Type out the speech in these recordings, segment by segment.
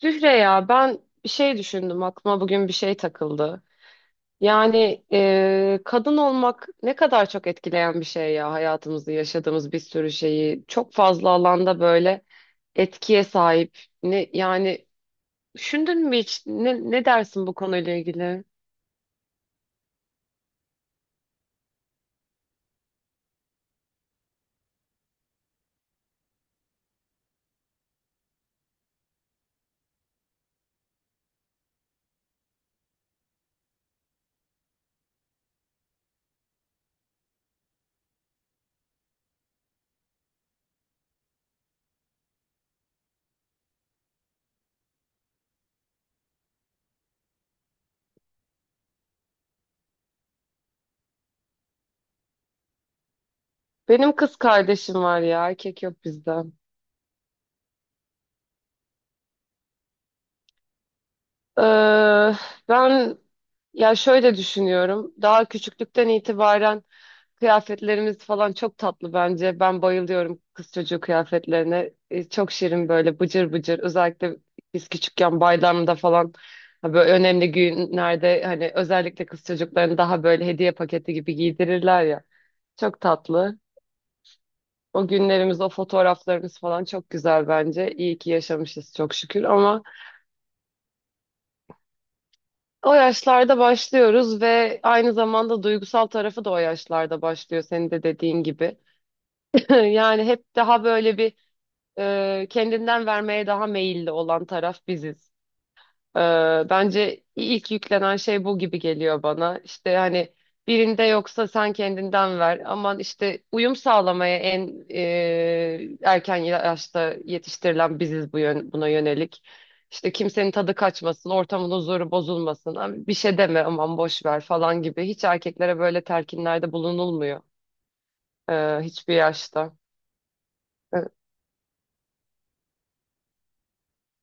Zühre, ya ben bir şey düşündüm, aklıma bugün bir şey takıldı. Yani kadın olmak ne kadar çok etkileyen bir şey ya, hayatımızı, yaşadığımız bir sürü şeyi çok fazla alanda böyle etkiye sahip. Yani düşündün mü hiç, ne dersin bu konuyla ilgili? Benim kız kardeşim var ya, erkek yok bizde. Ee, ben ya şöyle düşünüyorum, daha küçüklükten itibaren kıyafetlerimiz falan çok tatlı bence. Ben bayılıyorum kız çocuğu kıyafetlerine. Çok şirin, böyle bıcır bıcır. Özellikle biz küçükken bayramda falan, ha, böyle önemli günlerde, hani özellikle kız çocuklarını daha böyle hediye paketi gibi giydirirler ya. Çok tatlı. O günlerimiz, o fotoğraflarımız falan çok güzel bence. İyi ki yaşamışız, çok şükür, ama o yaşlarda başlıyoruz ve aynı zamanda duygusal tarafı da o yaşlarda başlıyor, senin de dediğin gibi. Yani hep daha böyle bir, kendinden vermeye daha meyilli olan taraf biziz. E, Bence ilk yüklenen şey bu gibi geliyor bana. İşte hani, birinde yoksa sen kendinden ver. Aman, işte uyum sağlamaya en erken yaşta yetiştirilen biziz bu yön, buna yönelik. İşte kimsenin tadı kaçmasın, ortamın huzuru bozulmasın. Abi, bir şey deme, aman boş ver falan gibi. Hiç erkeklere böyle telkinlerde bulunulmuyor hiçbir yaşta. E,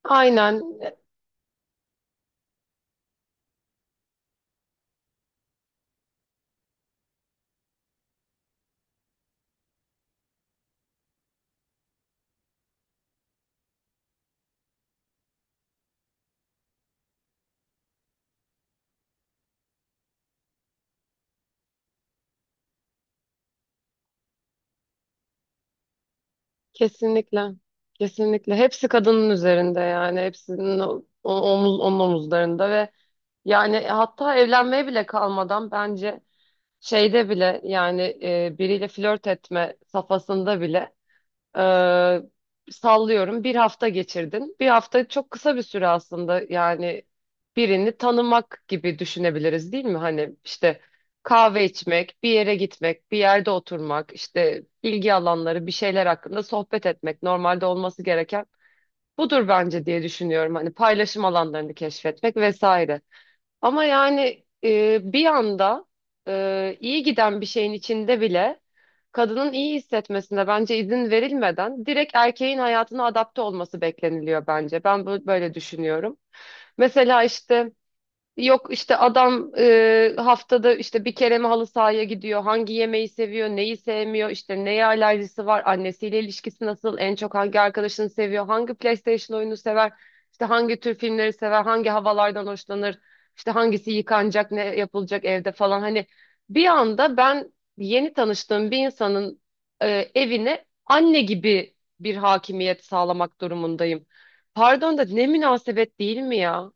Aynen. Kesinlikle. Kesinlikle. Hepsi kadının üzerinde yani. Hepsinin onun omuzlarında, ve yani hatta evlenmeye bile kalmadan bence, şeyde bile yani, biriyle flört etme safhasında bile, ee, sallıyorum bir hafta geçirdin. Bir hafta çok kısa bir süre aslında yani, birini tanımak gibi düşünebiliriz değil mi? Hani işte kahve içmek, bir yere gitmek, bir yerde oturmak, işte ilgi alanları, bir şeyler hakkında sohbet etmek, normalde olması gereken budur bence, diye düşünüyorum. Hani paylaşım alanlarını keşfetmek vesaire. Ama yani bir anda, iyi giden bir şeyin içinde bile kadının iyi hissetmesine bence izin verilmeden direkt erkeğin hayatına adapte olması bekleniliyor bence. Ben böyle düşünüyorum. Mesela işte, yok işte adam haftada işte bir kere mi halı sahaya gidiyor, hangi yemeği seviyor, neyi sevmiyor, işte neye alerjisi var, annesiyle ilişkisi nasıl, en çok hangi arkadaşını seviyor, hangi PlayStation oyunu sever, işte hangi tür filmleri sever, hangi havalardan hoşlanır, işte hangisi yıkanacak, ne yapılacak evde falan. Hani bir anda ben yeni tanıştığım bir insanın evine anne gibi bir hakimiyet sağlamak durumundayım. Pardon da, ne münasebet, değil mi ya?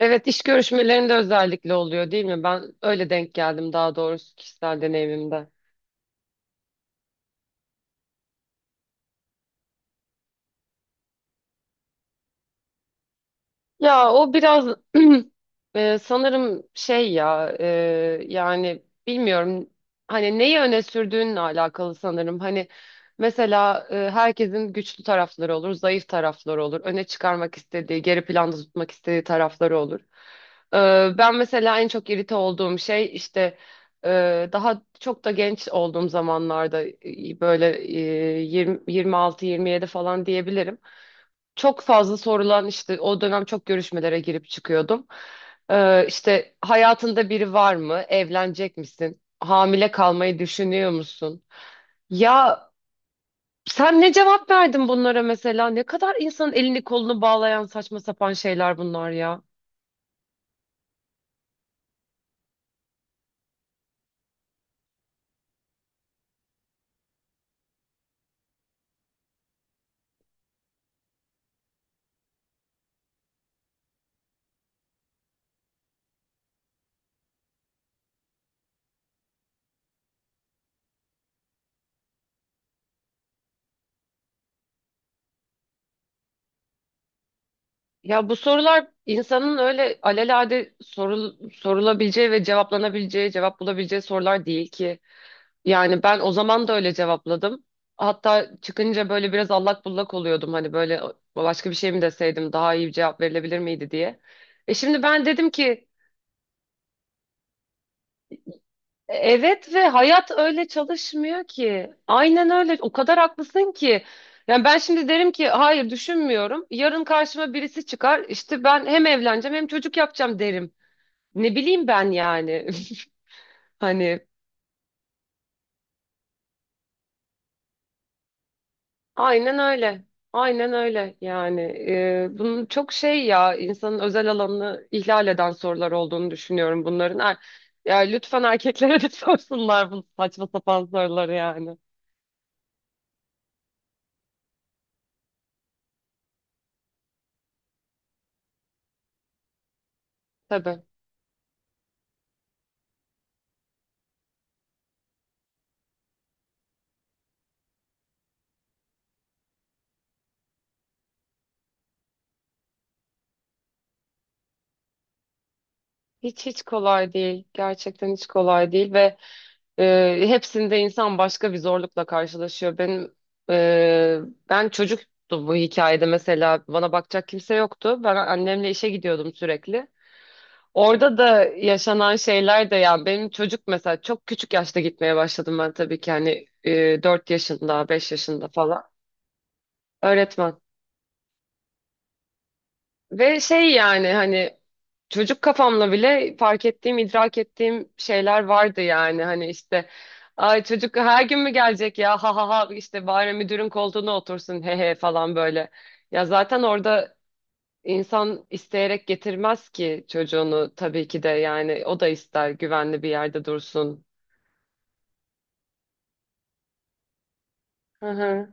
Evet, iş görüşmelerinde özellikle oluyor değil mi? Ben öyle denk geldim, daha doğrusu kişisel deneyimimde. Ya o biraz sanırım şey ya, yani bilmiyorum, hani neyi öne sürdüğünle alakalı sanırım. Hani mesela, herkesin güçlü tarafları olur, zayıf tarafları olur. Öne çıkarmak istediği, geri planda tutmak istediği tarafları olur. Ben mesela en çok irite olduğum şey işte, daha çok da genç olduğum zamanlarda, böyle, 20, 26-27 falan diyebilirim, çok fazla sorulan, işte o dönem çok görüşmelere girip çıkıyordum. İşte hayatında biri var mı? Evlenecek misin? Hamile kalmayı düşünüyor musun? Ya sen ne cevap verdin bunlara mesela? Ne kadar insanın elini kolunu bağlayan saçma sapan şeyler bunlar ya. Ya bu sorular insanın öyle alelade sorulabileceği ve cevaplanabileceği, cevap bulabileceği sorular değil ki. Yani ben o zaman da öyle cevapladım. Hatta çıkınca böyle biraz allak bullak oluyordum. Hani böyle, başka bir şey mi deseydim daha iyi bir cevap verilebilir miydi diye. Şimdi ben dedim ki, Evet, ve hayat öyle çalışmıyor ki." Aynen öyle. O kadar haklısın ki. Yani ben şimdi derim ki hayır düşünmüyorum. Yarın karşıma birisi çıkar, İşte ben hem evleneceğim hem çocuk yapacağım derim. Ne bileyim ben yani. Hani aynen öyle. Aynen öyle yani. Bunun çok şey ya, insanın özel alanını ihlal eden sorular olduğunu düşünüyorum bunların. Ya lütfen erkeklere de sorsunlar bu saçma sapan soruları yani. Tabii. Hiç, hiç kolay değil. Gerçekten hiç kolay değil, ve hepsinde insan başka bir zorlukla karşılaşıyor. E, ben çocuktu bu hikayede mesela, bana bakacak kimse yoktu. Ben annemle işe gidiyordum sürekli. Orada da yaşanan şeyler de, yani benim çocuk mesela, çok küçük yaşta gitmeye başladım ben, tabii ki hani 4 yaşında, 5 yaşında falan. Öğretmen. Ve şey yani, hani çocuk kafamla bile fark ettiğim, idrak ettiğim şeyler vardı, yani hani işte, ay çocuk her gün mü gelecek ya, ha ha ha, işte bari müdürün koltuğuna otursun, he he, falan böyle. Ya zaten orada insan isteyerek getirmez ki çocuğunu, tabii ki de, yani o da ister güvenli bir yerde dursun. Hı hı.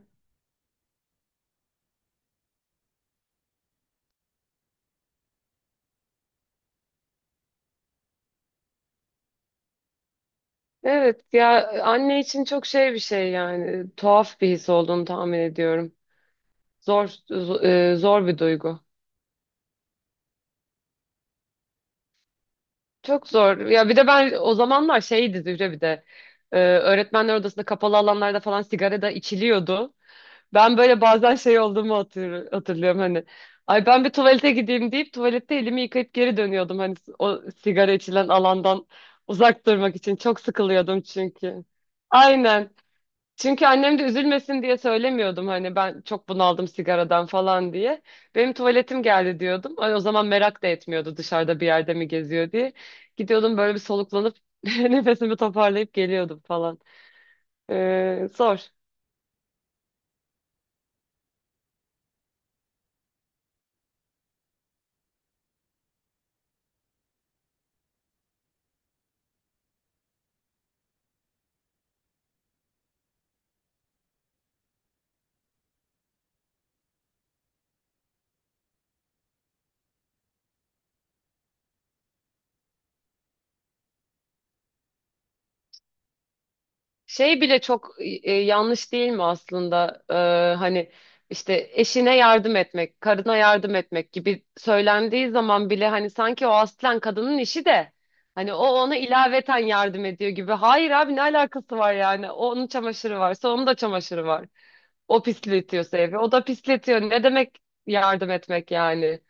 Evet ya, anne için çok şey bir şey yani, tuhaf bir his olduğunu tahmin ediyorum. Zor zo- zor bir duygu. Çok zor. Ya bir de ben o zamanlar şeydi Zühre, bir de öğretmenler odasında, kapalı alanlarda falan sigara da içiliyordu. Ben böyle bazen şey olduğumu hatırlıyorum hani. Ay, ben bir tuvalete gideyim deyip tuvalette elimi yıkayıp geri dönüyordum, hani o sigara içilen alandan uzak durmak için. Çok sıkılıyordum çünkü. Aynen. Çünkü annem de üzülmesin diye söylemiyordum, hani ben çok bunaldım sigaradan falan diye. Benim tuvaletim geldi diyordum. Ay, o zaman merak da etmiyordu, dışarıda bir yerde mi geziyor diye. Gidiyordum böyle bir, soluklanıp nefesimi toparlayıp geliyordum falan. Zor. Şey bile çok yanlış değil mi aslında? Hani işte eşine yardım etmek, karına yardım etmek gibi söylendiği zaman bile, hani sanki o aslen kadının işi de hani, o ona ilaveten yardım ediyor gibi. Hayır abi, ne alakası var yani? O, onun çamaşırı varsa, onun da çamaşırı var. O pisletiyorsa evi, o da pisletiyor. Ne demek yardım etmek yani?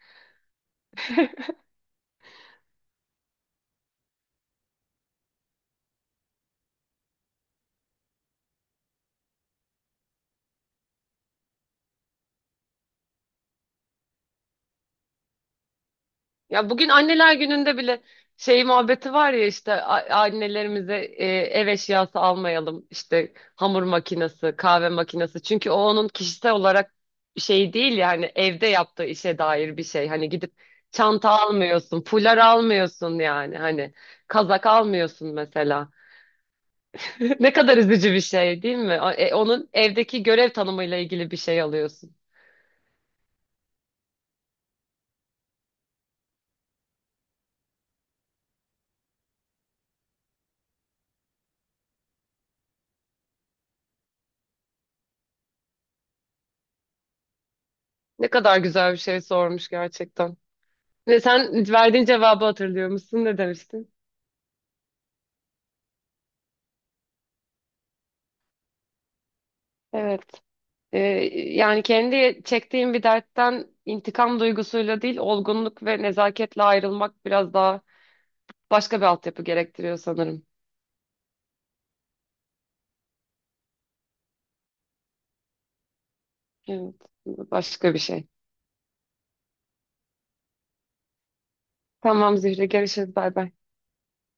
Ya bugün anneler gününde bile şey muhabbeti var ya, işte annelerimize ev eşyası almayalım. İşte hamur makinesi, kahve makinesi. Çünkü o, onun kişisel olarak şey değil yani, evde yaptığı işe dair bir şey. Hani gidip çanta almıyorsun, fular almıyorsun, yani hani kazak almıyorsun mesela. Ne kadar üzücü bir şey değil mi? Onun evdeki görev tanımıyla ilgili bir şey alıyorsun. Ne kadar güzel bir şey sormuş gerçekten. Ve sen verdiğin cevabı hatırlıyor musun? Ne demiştin? Evet. Ee, Yani kendi çektiğim bir dertten intikam duygusuyla değil, olgunluk ve nezaketle ayrılmak biraz daha başka bir altyapı gerektiriyor sanırım. Evet, başka bir şey. Tamam Zühre, görüşürüz. Bay bay.